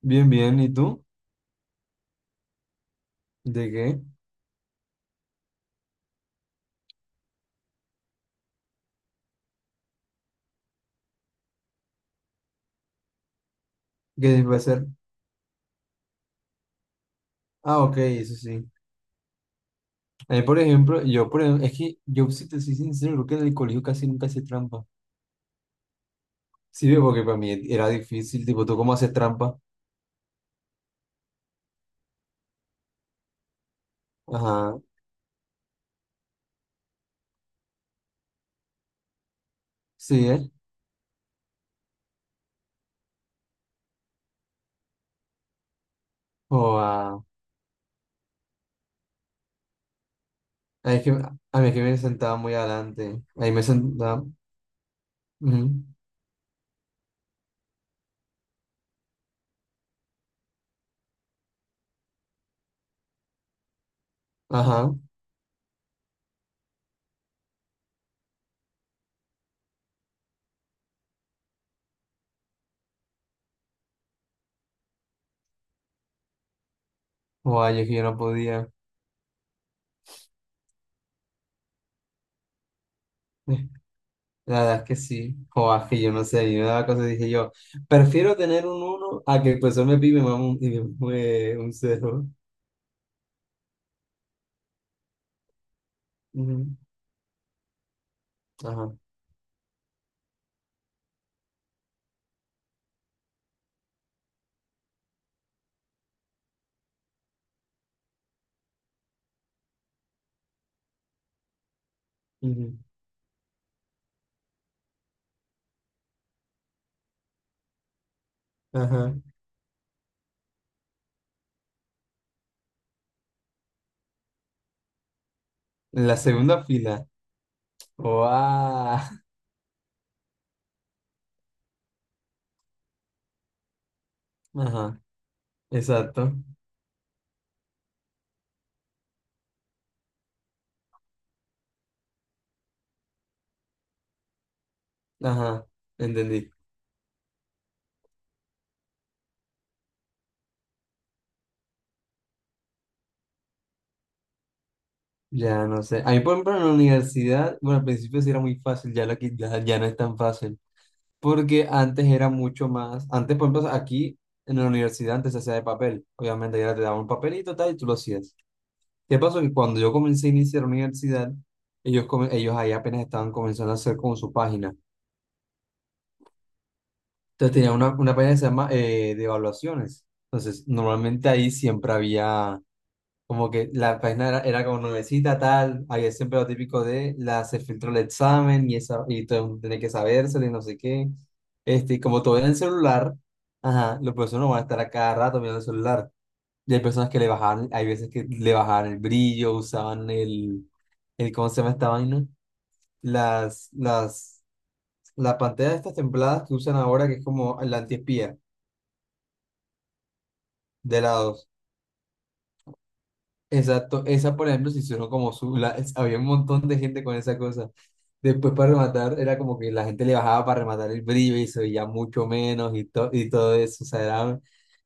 Bien, bien. ¿Y tú? ¿De qué? ¿Qué va a ser? Ah, ok, eso sí. A mí, por ejemplo, yo, por ejemplo, es que yo, si te soy sincero, creo que en el colegio casi nunca hice trampa. Sí, ve, porque para mí era difícil, tipo, ¿tú cómo haces trampa? Ajá, sí, ¿eh? O ah, es que, a mí es que me sentaba muy adelante. Ahí me sentaba. Ujú. Ajá. Es que yo no podía. Eh, La verdad es que sí. Es que yo no sé, yo me daba cosas y dije yo, prefiero tener un uno a que el profesor me pide y me mame un 0. Ujú. Ajá. Ujú. Ajá. En la segunda fila. ¡Wow! Ajá. Exacto. Ajá. Entendí. Ya no sé. A mí, por ejemplo, en la universidad, bueno, al principio sí era muy fácil, ya no es tan fácil. Porque antes era mucho más. Antes, por ejemplo, aquí en la universidad antes se hacía de papel. Obviamente, ya te daban un papelito tal y tú lo hacías. ¿Qué pasó? Que cuando yo comencé a iniciar la universidad, ellos ahí apenas estaban comenzando a hacer con su página. Entonces tenía una página que se llama de evaluaciones. Entonces, normalmente ahí siempre había como que la página era como nuevecita, tal, había siempre lo típico de la se filtró el examen y, esa, y todo el mundo tiene que sabérselo y no sé qué. Y como todo era en el celular, ajá, los profesores no van a estar a cada rato mirando el celular. Y hay personas que le bajaban, hay veces que le bajaban el brillo, usaban el, ¿cómo se llama esta vaina? Las, las, la pantalla de estas templadas que usan ahora, que es como la antiespía. De lados. Exacto. Esa, por ejemplo, se hicieron como había un montón de gente con esa cosa. Después para rematar, era como que la gente le bajaba para rematar el brillo y se veía mucho menos y todo eso. O sea, era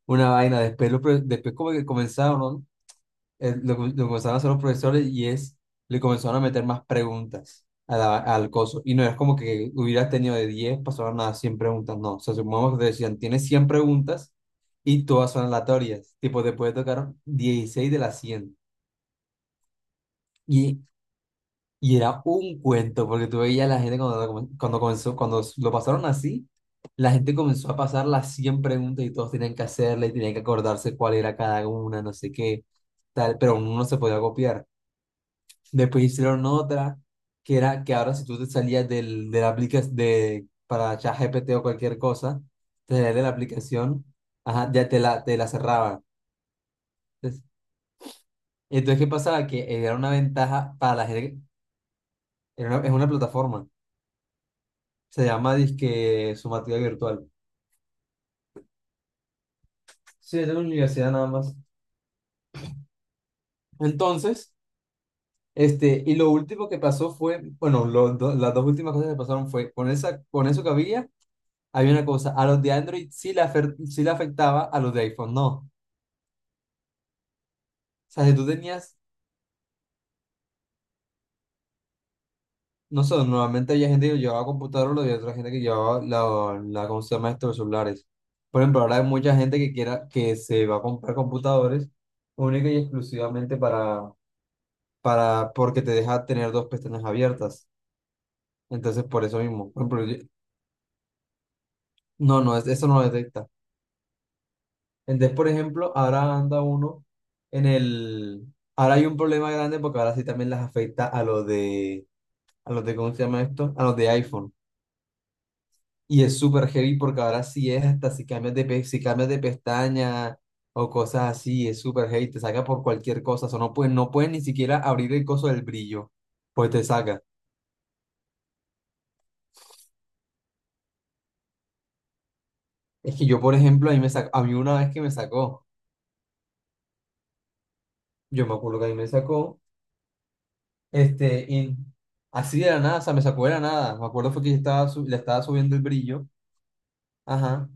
una vaina. Después como que comenzaron, ¿no? Lo comenzaron a hacer los profesores y le comenzaron a meter más preguntas al coso. Y no es como que hubieras tenido de 10 pasaron a 100 preguntas, no. O sea, supongamos que te decían, tienes 100 preguntas y todas son aleatorias. Tipo, te puede tocar 16 de las 100. Y, y era un cuento, porque tú veías a la gente cuando comenzó, cuando lo pasaron así. La gente comenzó a pasar las 100 preguntas y todos tenían que hacerla y tenían que acordarse cuál era cada una, no sé qué, tal, pero uno no se podía copiar. Después hicieron otra que era que ahora si tú te salías de la aplicación de, para ChatGPT o cualquier cosa, te salías de la aplicación, ajá, ya te la cerraban. Entonces, ¿qué pasaba? Que era una ventaja para la gente, es una plataforma, se llama disque Sumativa Virtual. Sí, es de la universidad nada más. Entonces, y lo último que pasó fue, bueno, las dos últimas cosas que pasaron fue con esa, con eso que había. Hay una cosa, a los de Android sí le afectaba, a los de iPhone no. O sea, si tú tenías, no sé, normalmente había gente que llevaba computador, lo había otra gente que llevaba la, ¿cómo se llama esto? Los celulares. Por ejemplo, ahora hay mucha gente que quiera, que se va a comprar computadores única y exclusivamente para, porque te deja tener dos pestañas abiertas. Entonces, por eso mismo. Por ejemplo, yo-. No, no, eso no lo detecta. Entonces, por ejemplo, ahora anda uno en el... Ahora hay un problema grande porque ahora sí también las afecta a los de... A los de, ¿cómo se llama esto? A los de iPhone. Y es súper heavy porque ahora sí es hasta si cambias de pestaña o cosas así, es súper heavy, te saca por cualquier cosa. O sea, no puedes ni siquiera abrir el coso del brillo, pues te saca. Es que yo, por ejemplo, a mí, me sacó, a mí una vez que me sacó, yo me acuerdo que a mí me sacó. Y así de la nada, o sea, me sacó de la nada. Me acuerdo fue que yo estaba le estaba subiendo el brillo. Ajá.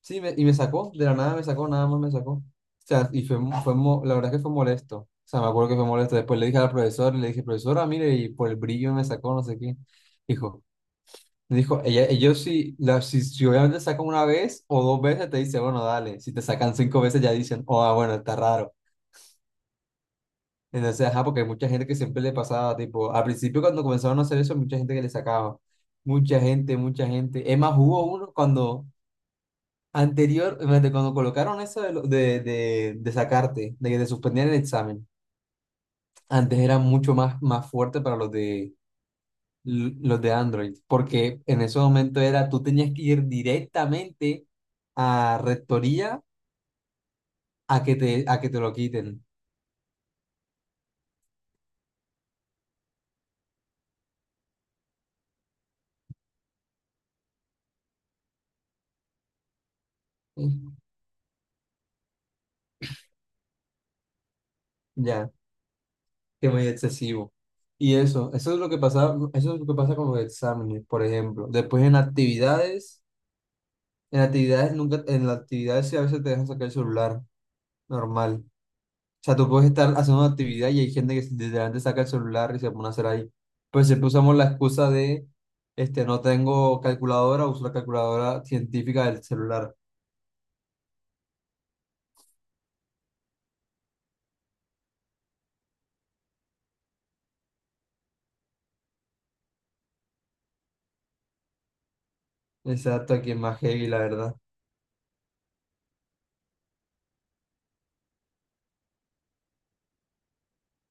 Sí, y me sacó, de la nada me sacó, nada más me sacó. O sea, la verdad es que fue molesto. O sea, me acuerdo que fue molesto. Después le dije al profesor, le dije, profesora, mire, y por el brillo me sacó, no sé qué. Dijo, me dijo, ella, ellos si, la, si, si obviamente sacan una vez o dos veces, te dice, bueno, dale. Si te sacan cinco veces, ya dicen, oh, ah, bueno, está raro. Entonces, ajá, porque hay mucha gente que siempre le pasaba, tipo, al principio cuando comenzaron a hacer eso, mucha gente que le sacaba, mucha gente, mucha gente. Es más, hubo uno cuando anterior, imagínate, cuando colocaron eso de sacarte, de que te suspendían el examen, antes era mucho más, más fuerte para los de Android, porque en ese momento era, tú tenías que ir directamente a rectoría a que te lo quiten. Ya. Que muy excesivo. Y eso es lo que pasa, eso es lo que pasa con los exámenes, por ejemplo. Después en actividades nunca, en las actividades sí a veces te dejan sacar el celular, normal. O sea, tú puedes estar haciendo una actividad y hay gente que literalmente saca el celular y se pone a hacer ahí. Pues siempre usamos la excusa de, no tengo calculadora, uso la calculadora científica del celular. Exacto, aquí es más heavy, la verdad.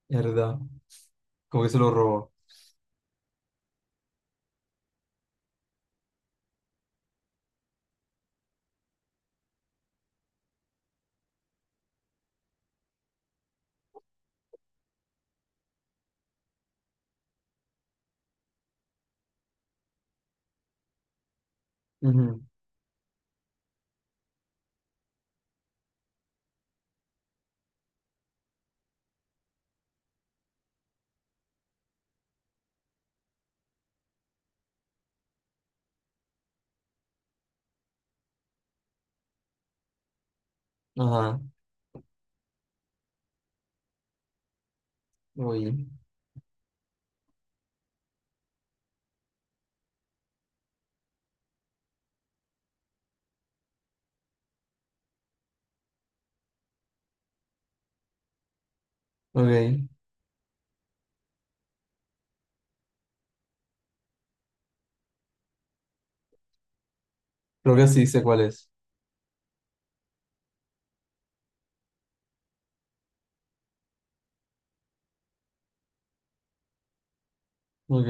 Es verdad. Como que se lo robó. Ujú. Ajá. Uy. Ok. Creo que sí sé cuál es. Ok.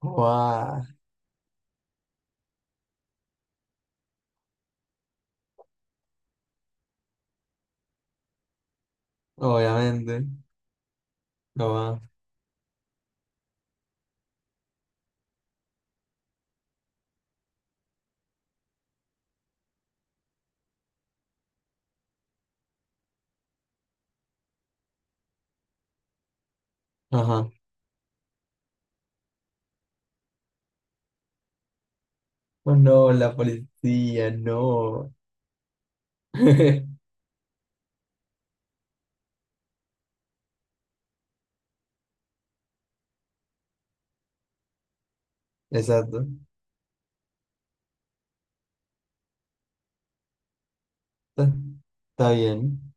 Guau. Obviamente. Guau. Ajá. Oh, no, la policía, no. Exacto. Está, está bien.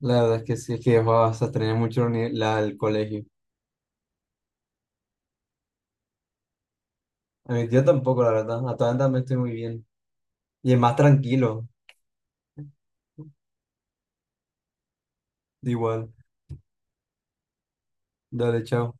La verdad es que sí, es que vas a tener mucho el colegio. A mi tío tampoco, la verdad. A todas también estoy muy bien. Y es más tranquilo. Igual. Dale, chao.